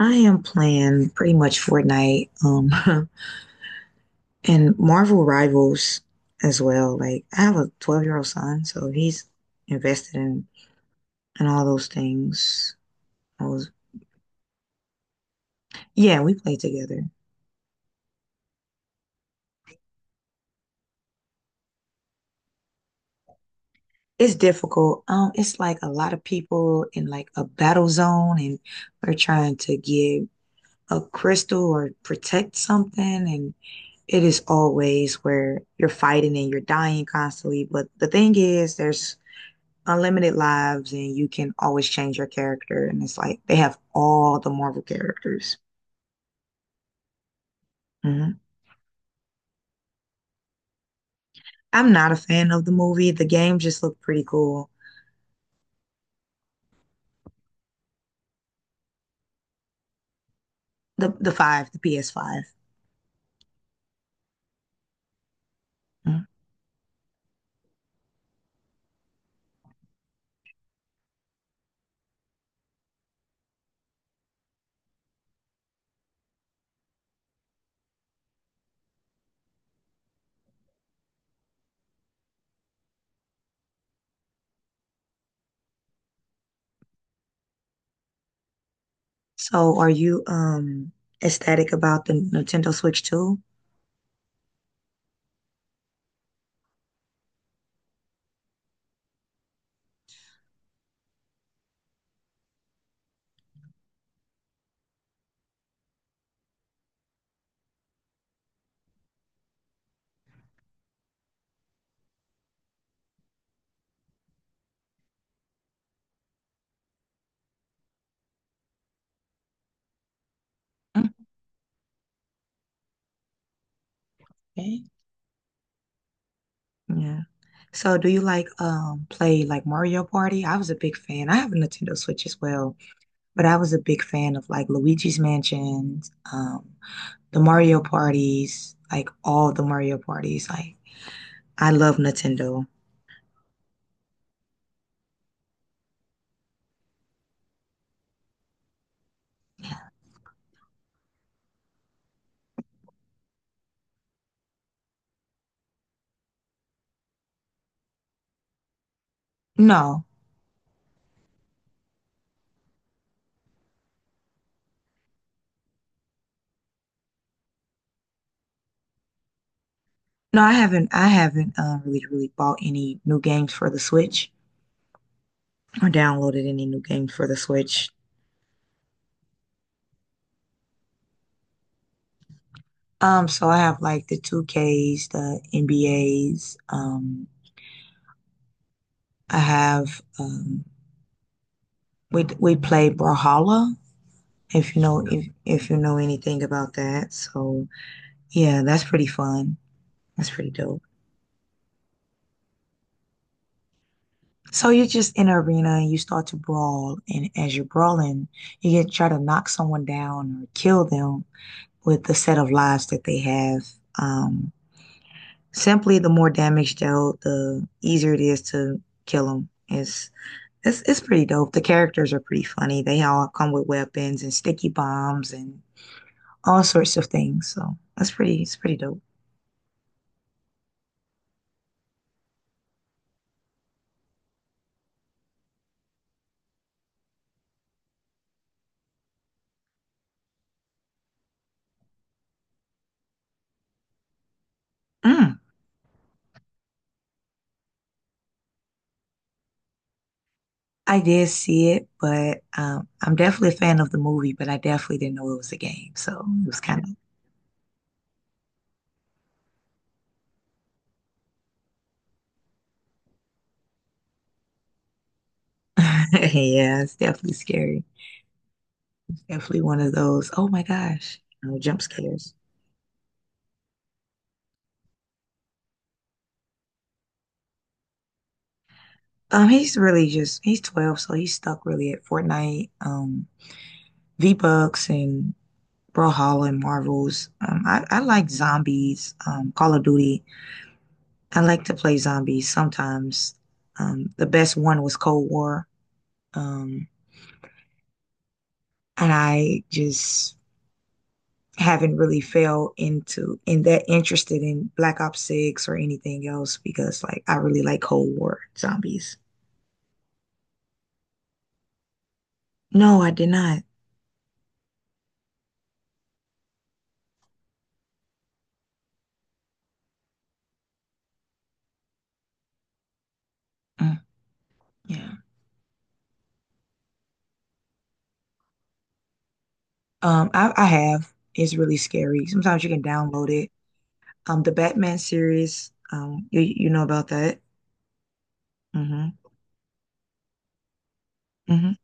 I am playing pretty much Fortnite, and Marvel Rivals as well. Like I have a 12-year-old son, so he's invested in all those things. I was. Yeah, we play together. It's difficult. It's like a lot of people in like a battle zone, and we're trying to get a crystal or protect something, and it is always where you're fighting and you're dying constantly. But the thing is, there's unlimited lives and you can always change your character. And it's like they have all the Marvel characters. Hmm. I'm not a fan of the movie. The game just looked pretty cool. The PS5. Mhm. So are you ecstatic about the Nintendo Switch too? Okay. Yeah. So do you like play like Mario Party? I was a big fan. I have a Nintendo Switch as well, but I was a big fan of like Luigi's Mansion, um the Mario parties, like all the Mario parties. Like I love Nintendo. No, no, I haven't. I haven't really, really bought any new games for the Switch or downloaded any new games for the Switch. So I have like the 2Ks, the NBAs. I have we play Brawlhalla if you know if you know anything about that. So yeah, that's pretty fun. That's pretty dope. So you're just in an arena and you start to brawl, and as you're brawling, you get try to knock someone down or kill them with the set of lives that they have. Um, simply, the more damage dealt, the easier it is to kill them. It's pretty dope. The characters are pretty funny. They all come with weapons and sticky bombs and all sorts of things. So that's pretty it's pretty dope. Mm, I did see it, but I'm definitely a fan of the movie, but I definitely didn't know it was a game. So it was kind of. Yeah, it's definitely scary. Definitely one of those, oh my gosh, you know, jump scares. He's really just he's 12, so he's stuck really at Fortnite, V-Bucks and Brawlhalla and Marvels. I like zombies, Call of Duty. I like to play zombies sometimes. The best one was Cold War. Um, and I just haven't really fell into and that interested in Black Ops 6 or anything else because like I really like Cold War zombies. No, I did not. Mm, yeah. I have. It's really scary. Sometimes you can download it. Um, the Batman series, you know about that. Hmm. Hmm.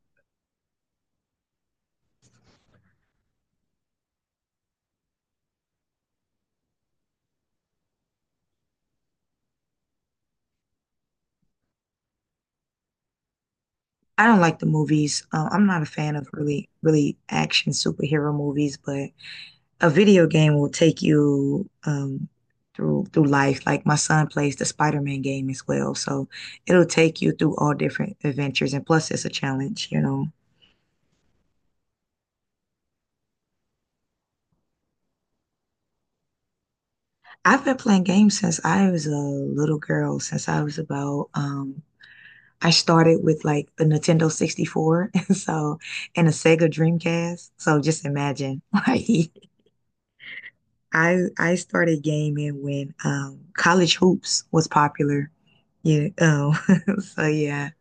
I don't like the movies. I'm not a fan of really action superhero movies, but a video game will take you through life. Like my son plays the Spider-Man game as well, so it'll take you through all different adventures. And plus, it's a challenge, you know. I've been playing games since I was a little girl, since I was about I started with like the Nintendo 64 and so and a Sega Dreamcast. So just imagine like I started gaming when college hoops was popular. Yeah. Oh. So yeah.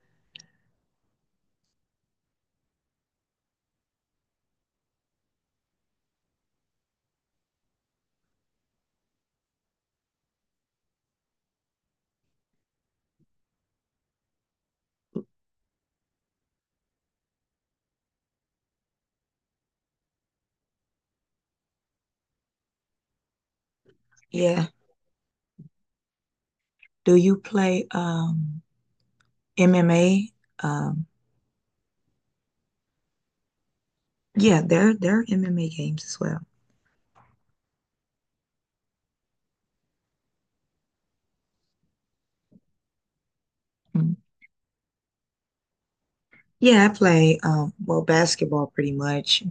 Yeah. Do you play MMA? Um yeah, there are MMA games as well. Mm. Yeah, I play well basketball pretty much.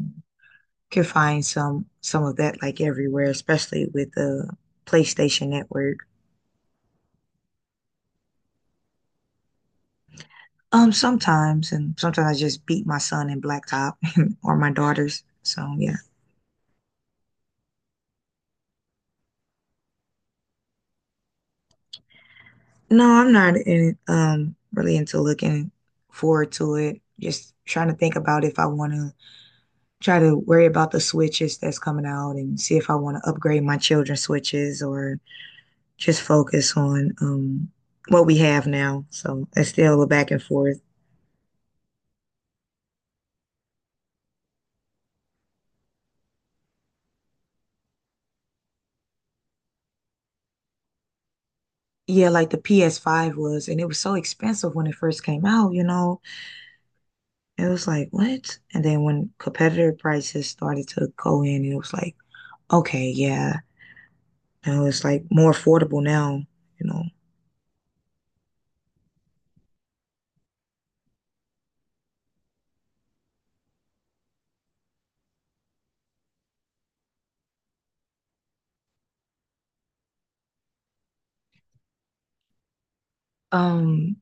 Can find some of that like everywhere, especially with the PlayStation Network. Sometimes and sometimes I just beat my son in blacktop or my daughters. So yeah. No, I'm not in, really into looking forward to it. Just trying to think about if I want to try to worry about the switches that's coming out and see if I want to upgrade my children's switches or just focus on what we have now. So it's still a back and forth. Yeah, like the PS5 was, and it was so expensive when it first came out, you know. It was like, what? And then when competitor prices started to go in, it was like, okay, yeah. You know, it's like more affordable now, you know. Um,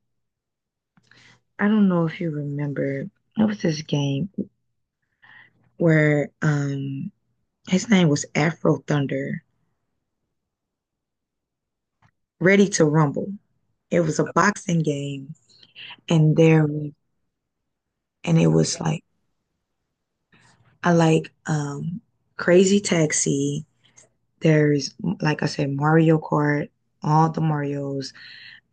I don't know if you remember, what was this game where his name was Afro Thunder, Ready to Rumble. It was a boxing game, and there and it was like I like Crazy Taxi. There's like I said, Mario Kart, all the Marios.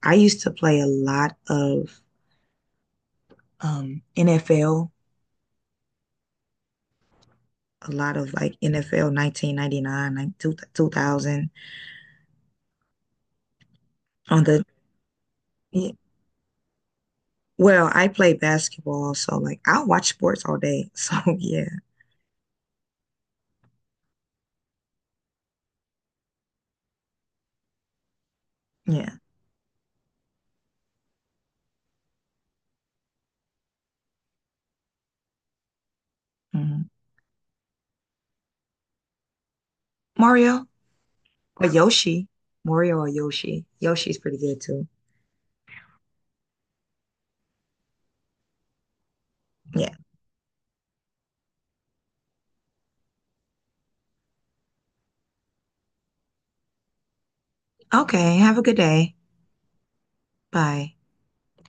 I used to play a lot of NFL, a lot of like NFL 1999, like 2000 on the. Well, I play basketball, so like I watch sports all day. So yeah, yeah. Mhm. Mario, or Yoshi, Mario or Yoshi. Yoshi's pretty good too. Yeah. Okay. Have a good day. Bye.